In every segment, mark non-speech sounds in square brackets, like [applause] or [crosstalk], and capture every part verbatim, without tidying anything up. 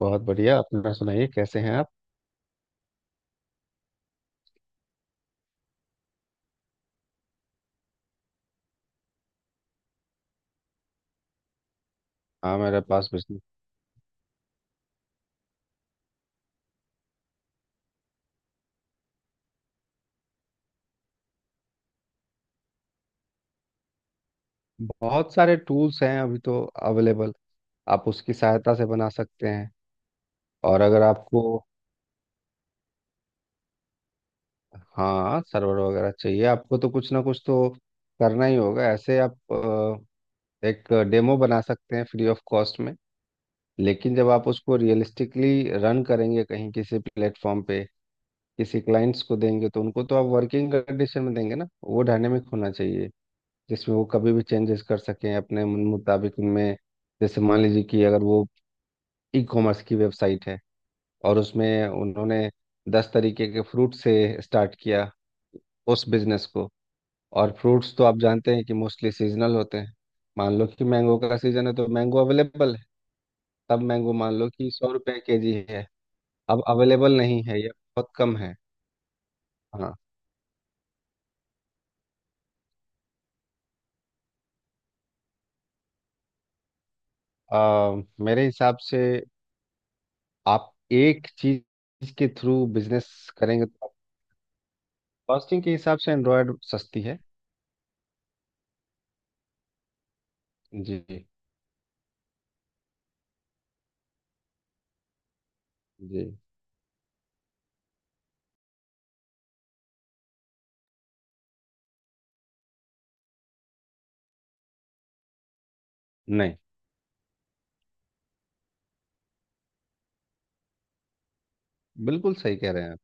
बहुत बढ़िया। अपना सुनाइए, कैसे हैं आप? हाँ, मेरे पास बिजनेस बहुत सारे टूल्स हैं अभी तो, अवेलेबल। आप उसकी सहायता से बना सकते हैं। और अगर आपको, हाँ सर्वर वगैरह चाहिए आपको तो कुछ ना कुछ तो करना ही होगा। ऐसे आप अ, एक डेमो बना सकते हैं फ्री ऑफ कॉस्ट में। लेकिन जब आप उसको रियलिस्टिकली रन करेंगे कहीं किसी प्लेटफॉर्म पे, किसी क्लाइंट्स को देंगे, तो उनको तो आप वर्किंग कंडीशन में देंगे ना, वो डायनेमिक होना चाहिए जिसमें वो कभी भी चेंजेस कर सकें अपने मन मुताबिक उनमें। जैसे मान लीजिए कि अगर वो ई कॉमर्स की वेबसाइट है और उसमें उन्होंने दस तरीके के फ्रूट से स्टार्ट किया उस बिजनेस को। और फ्रूट्स तो आप जानते हैं कि मोस्टली सीजनल होते हैं। मान लो कि मैंगो का सीजन है तो मैंगो अवेलेबल है। तब मैंगो मान लो कि सौ रुपए के जी है। अब अवेलेबल नहीं है या बहुत कम है। हाँ। आ, मेरे हिसाब से आप एक चीज के थ्रू बिजनेस करेंगे तो कॉस्टिंग के हिसाब से एंड्रॉयड सस्ती है। जी। जी। नहीं, बिल्कुल सही कह रहे हैं आप।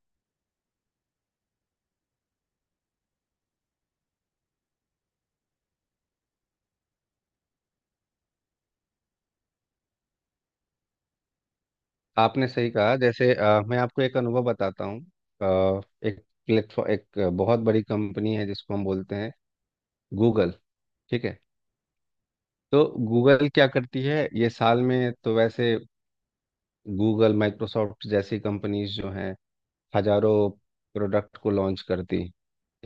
आपने सही कहा। जैसे अ, मैं आपको एक अनुभव बताता हूँ। अ, एक प्लेटफॉर्म, एक बहुत बड़ी कंपनी है जिसको हम बोलते हैं गूगल। ठीक है। तो गूगल क्या करती है, ये साल में तो वैसे गूगल माइक्रोसॉफ्ट जैसी कंपनीज जो हैं, हजारों प्रोडक्ट को लॉन्च करती,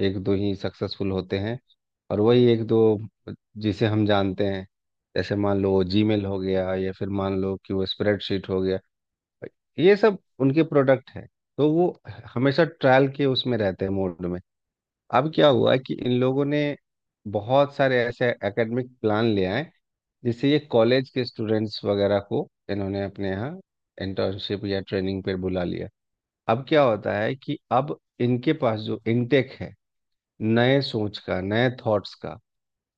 एक दो ही सक्सेसफुल होते हैं। और वही एक दो जिसे हम जानते हैं, जैसे मान लो जीमेल हो गया, या फिर मान लो कि वो स्प्रेडशीट हो गया, ये सब उनके प्रोडक्ट है। तो वो हमेशा ट्रायल के उसमें रहते हैं, मोड में। अब क्या हुआ कि इन लोगों ने बहुत सारे ऐसे एकेडमिक प्लान ले आए, जिससे ये कॉलेज के स्टूडेंट्स वगैरह को इन्होंने अपने यहाँ इंटर्नशिप या ट्रेनिंग पर बुला लिया। अब क्या होता है कि अब इनके पास जो इनटेक है नए सोच का, नए थॉट्स का,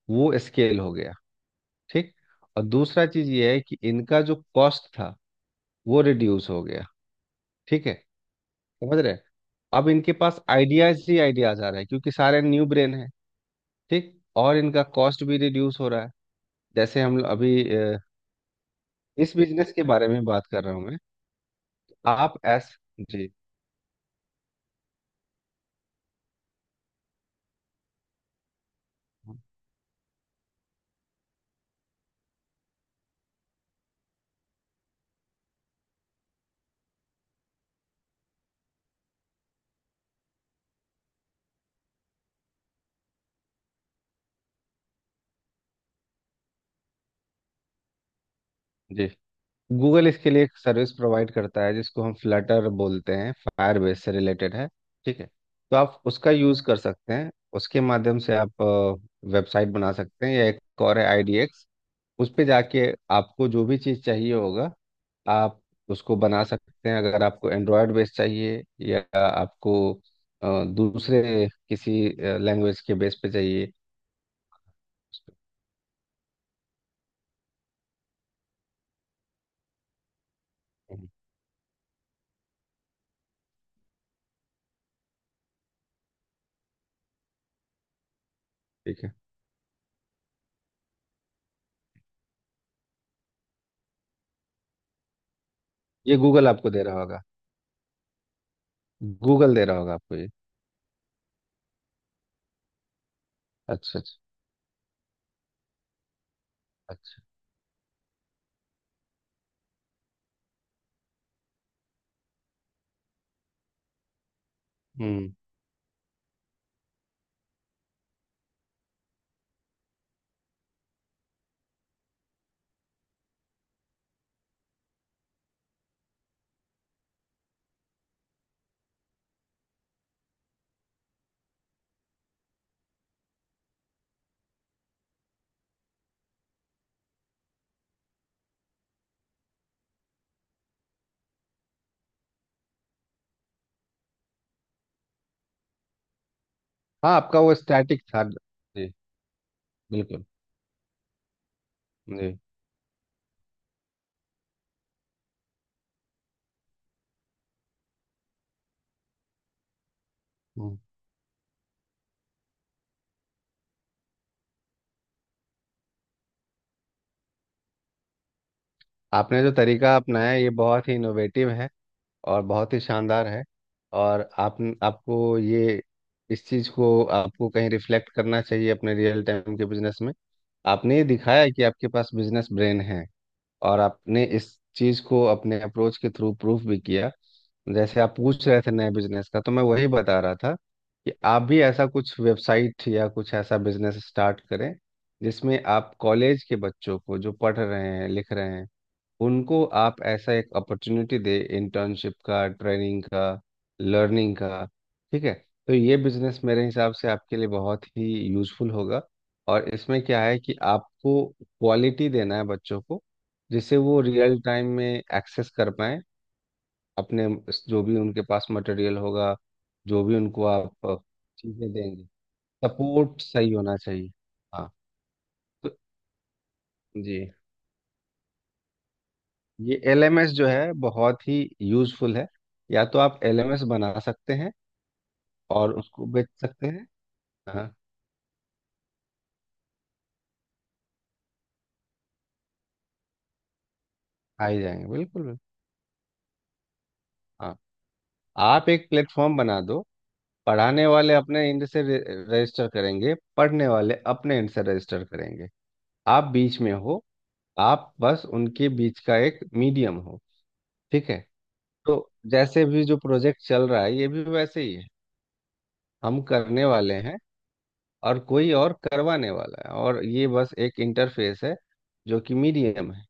वो स्केल हो गया। ठीक। और दूसरा चीज ये है कि इनका जो कॉस्ट था वो रिड्यूस हो गया। ठीक है। समझ रहे हैं? अब इनके पास आइडियाज ही आइडियाज आ रहे हैं क्योंकि सारे न्यू ब्रेन है। ठीक। और इनका कॉस्ट भी रिड्यूस हो रहा है। जैसे हम लोग अभी अ, इस बिजनेस के बारे में बात कर रहा हूँ मैं। आप एस। जी। जी। गूगल इसके लिए एक सर्विस प्रोवाइड करता है जिसको हम फ्लटर बोलते हैं, फायरबेस से रिलेटेड है। ठीक है। तो आप उसका यूज़ कर सकते हैं। उसके माध्यम से आप वेबसाइट बना सकते हैं, या एक और है आईडीएक्स। उस पे जाके आपको जो भी चीज़ चाहिए होगा, आप उसको बना सकते हैं, अगर आपको एंड्रॉयड बेस चाहिए या आपको अ, दूसरे किसी लैंग्वेज के बेस पे चाहिए। ठीक है। ये गूगल आपको दे रहा होगा। गूगल दे रहा होगा आपको ये। अच्छा, अच्छा, अच्छा। हम्म। हाँ, आपका वो स्टैटिक था जी। बिल्कुल। जी। हम्म। आपने जो तरीका अपनाया ये बहुत ही इनोवेटिव है और बहुत ही शानदार है। और आप आपको ये, इस चीज़ को आपको कहीं रिफ्लेक्ट करना चाहिए अपने रियल टाइम के बिजनेस में। आपने ये दिखाया कि आपके पास बिजनेस ब्रेन है, और आपने इस चीज को अपने अप्रोच के थ्रू प्रूफ भी किया। जैसे आप पूछ रहे थे नए बिजनेस का, तो मैं वही बता रहा था कि आप भी ऐसा कुछ वेबसाइट या कुछ ऐसा बिजनेस स्टार्ट करें जिसमें आप कॉलेज के बच्चों को, जो पढ़ रहे हैं लिख रहे हैं, उनको आप ऐसा एक अपॉर्चुनिटी दे इंटर्नशिप का, ट्रेनिंग का, लर्निंग का। ठीक है। तो ये बिजनेस मेरे हिसाब से आपके लिए बहुत ही यूजफुल होगा। और इसमें क्या है कि आपको क्वालिटी देना है बच्चों को, जिससे वो रियल टाइम में एक्सेस कर पाए अपने जो भी उनके पास मटेरियल होगा, जो भी उनको आप चीज़ें देंगे, सपोर्ट सही होना चाहिए। हाँ। तो जी ये एलएमएस जो है बहुत ही यूजफुल है। या तो आप एलएमएस बना सकते हैं और उसको बेच सकते हैं। हाँ, आ ही जाएंगे, बिल्कुल बिल्कुल। हाँ, आप एक प्लेटफॉर्म बना दो। पढ़ाने वाले अपने एंड से रे- रजिस्टर करेंगे, पढ़ने वाले अपने एंड से रजिस्टर करेंगे। आप बीच में हो, आप बस उनके बीच का एक मीडियम हो। ठीक है। तो जैसे भी जो प्रोजेक्ट चल रहा है ये भी वैसे ही है, हम करने वाले हैं और कोई और करवाने वाला है, और ये बस एक इंटरफेस है जो कि मीडियम है।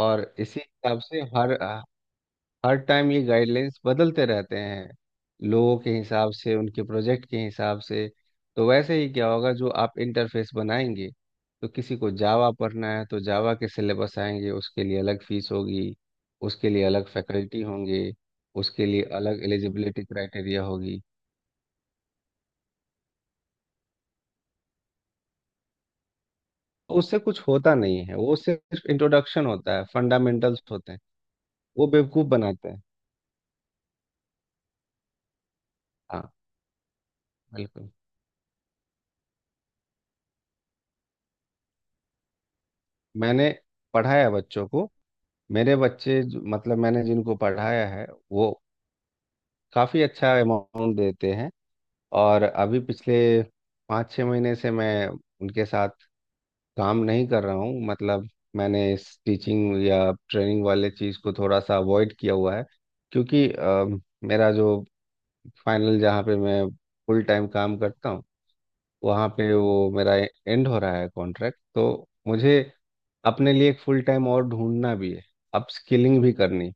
और इसी हिसाब से हर हर टाइम ये गाइडलाइंस बदलते रहते हैं लोगों के हिसाब से, उनके प्रोजेक्ट के हिसाब से। तो वैसे ही क्या होगा जो आप इंटरफेस बनाएंगे, तो किसी को जावा पढ़ना है तो जावा के सिलेबस आएंगे, उसके लिए अलग फीस होगी, उसके लिए अलग फैकल्टी होंगे, उसके लिए अलग एलिजिबिलिटी क्राइटेरिया होगी। उससे कुछ होता नहीं है, वो सिर्फ इंट्रोडक्शन होता है, फंडामेंटल्स होते हैं। वो बेवकूफ बनाते हैं। हाँ बिल्कुल। मैंने पढ़ाया बच्चों को, मेरे बच्चे जो- मतलब मैंने जिनको पढ़ाया है, वो काफ़ी अच्छा अमाउंट देते हैं। और अभी पिछले पाँच छः महीने से मैं उनके साथ काम नहीं कर रहा हूँ। मतलब मैंने इस टीचिंग या ट्रेनिंग वाले चीज़ को थोड़ा सा अवॉइड किया हुआ है क्योंकि अ, मेरा जो फाइनल, जहाँ पे मैं फुल टाइम काम करता हूँ, वहाँ पे वो मेरा एंड हो रहा है कॉन्ट्रैक्ट, तो मुझे अपने लिए एक फुल टाइम और ढूंढना भी है, अपस्किलिंग भी करनी।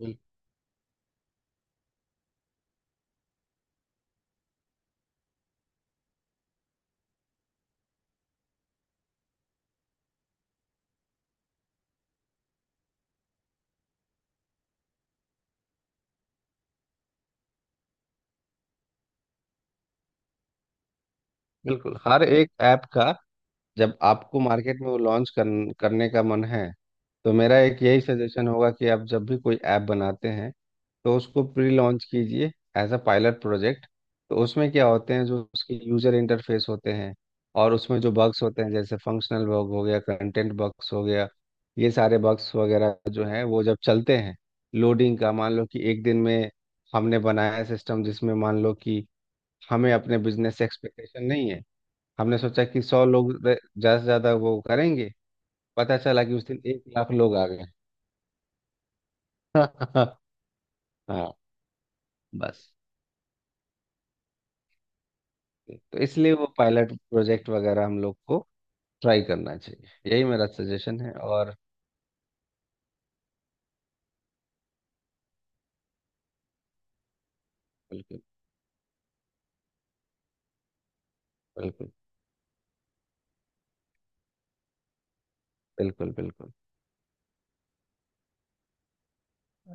बिल- बिल्कुल। हर एक ऐप का जब आपको मार्केट में वो लॉन्च कर, करने का मन है, तो मेरा एक यही सजेशन होगा कि आप जब भी कोई ऐप बनाते हैं तो उसको प्री लॉन्च कीजिए एज अ पायलट प्रोजेक्ट। तो उसमें क्या होते हैं जो उसके यूजर इंटरफेस होते हैं, और उसमें जो बग्स होते हैं, जैसे फंक्शनल बग हो गया, कंटेंट बग्स हो गया, ये सारे बग्स वगैरह जो हैं वो जब चलते हैं, लोडिंग का, मान लो कि एक दिन में हमने बनाया सिस्टम जिसमें मान लो कि हमें अपने बिजनेस से एक्सपेक्टेशन नहीं है। हमने सोचा कि सौ लोग रे- ज़्यादा से ज़्यादा वो करेंगे, पता चला कि उस दिन एक लाख लोग आ गए। [laughs] हाँ। बस। तो इसलिए वो पायलट प्रोजेक्ट वगैरह हम लोग को ट्राई करना चाहिए, यही मेरा सजेशन है। और बिल्कुल, बिल्कुल, बिल्कुल, बिल्कुल।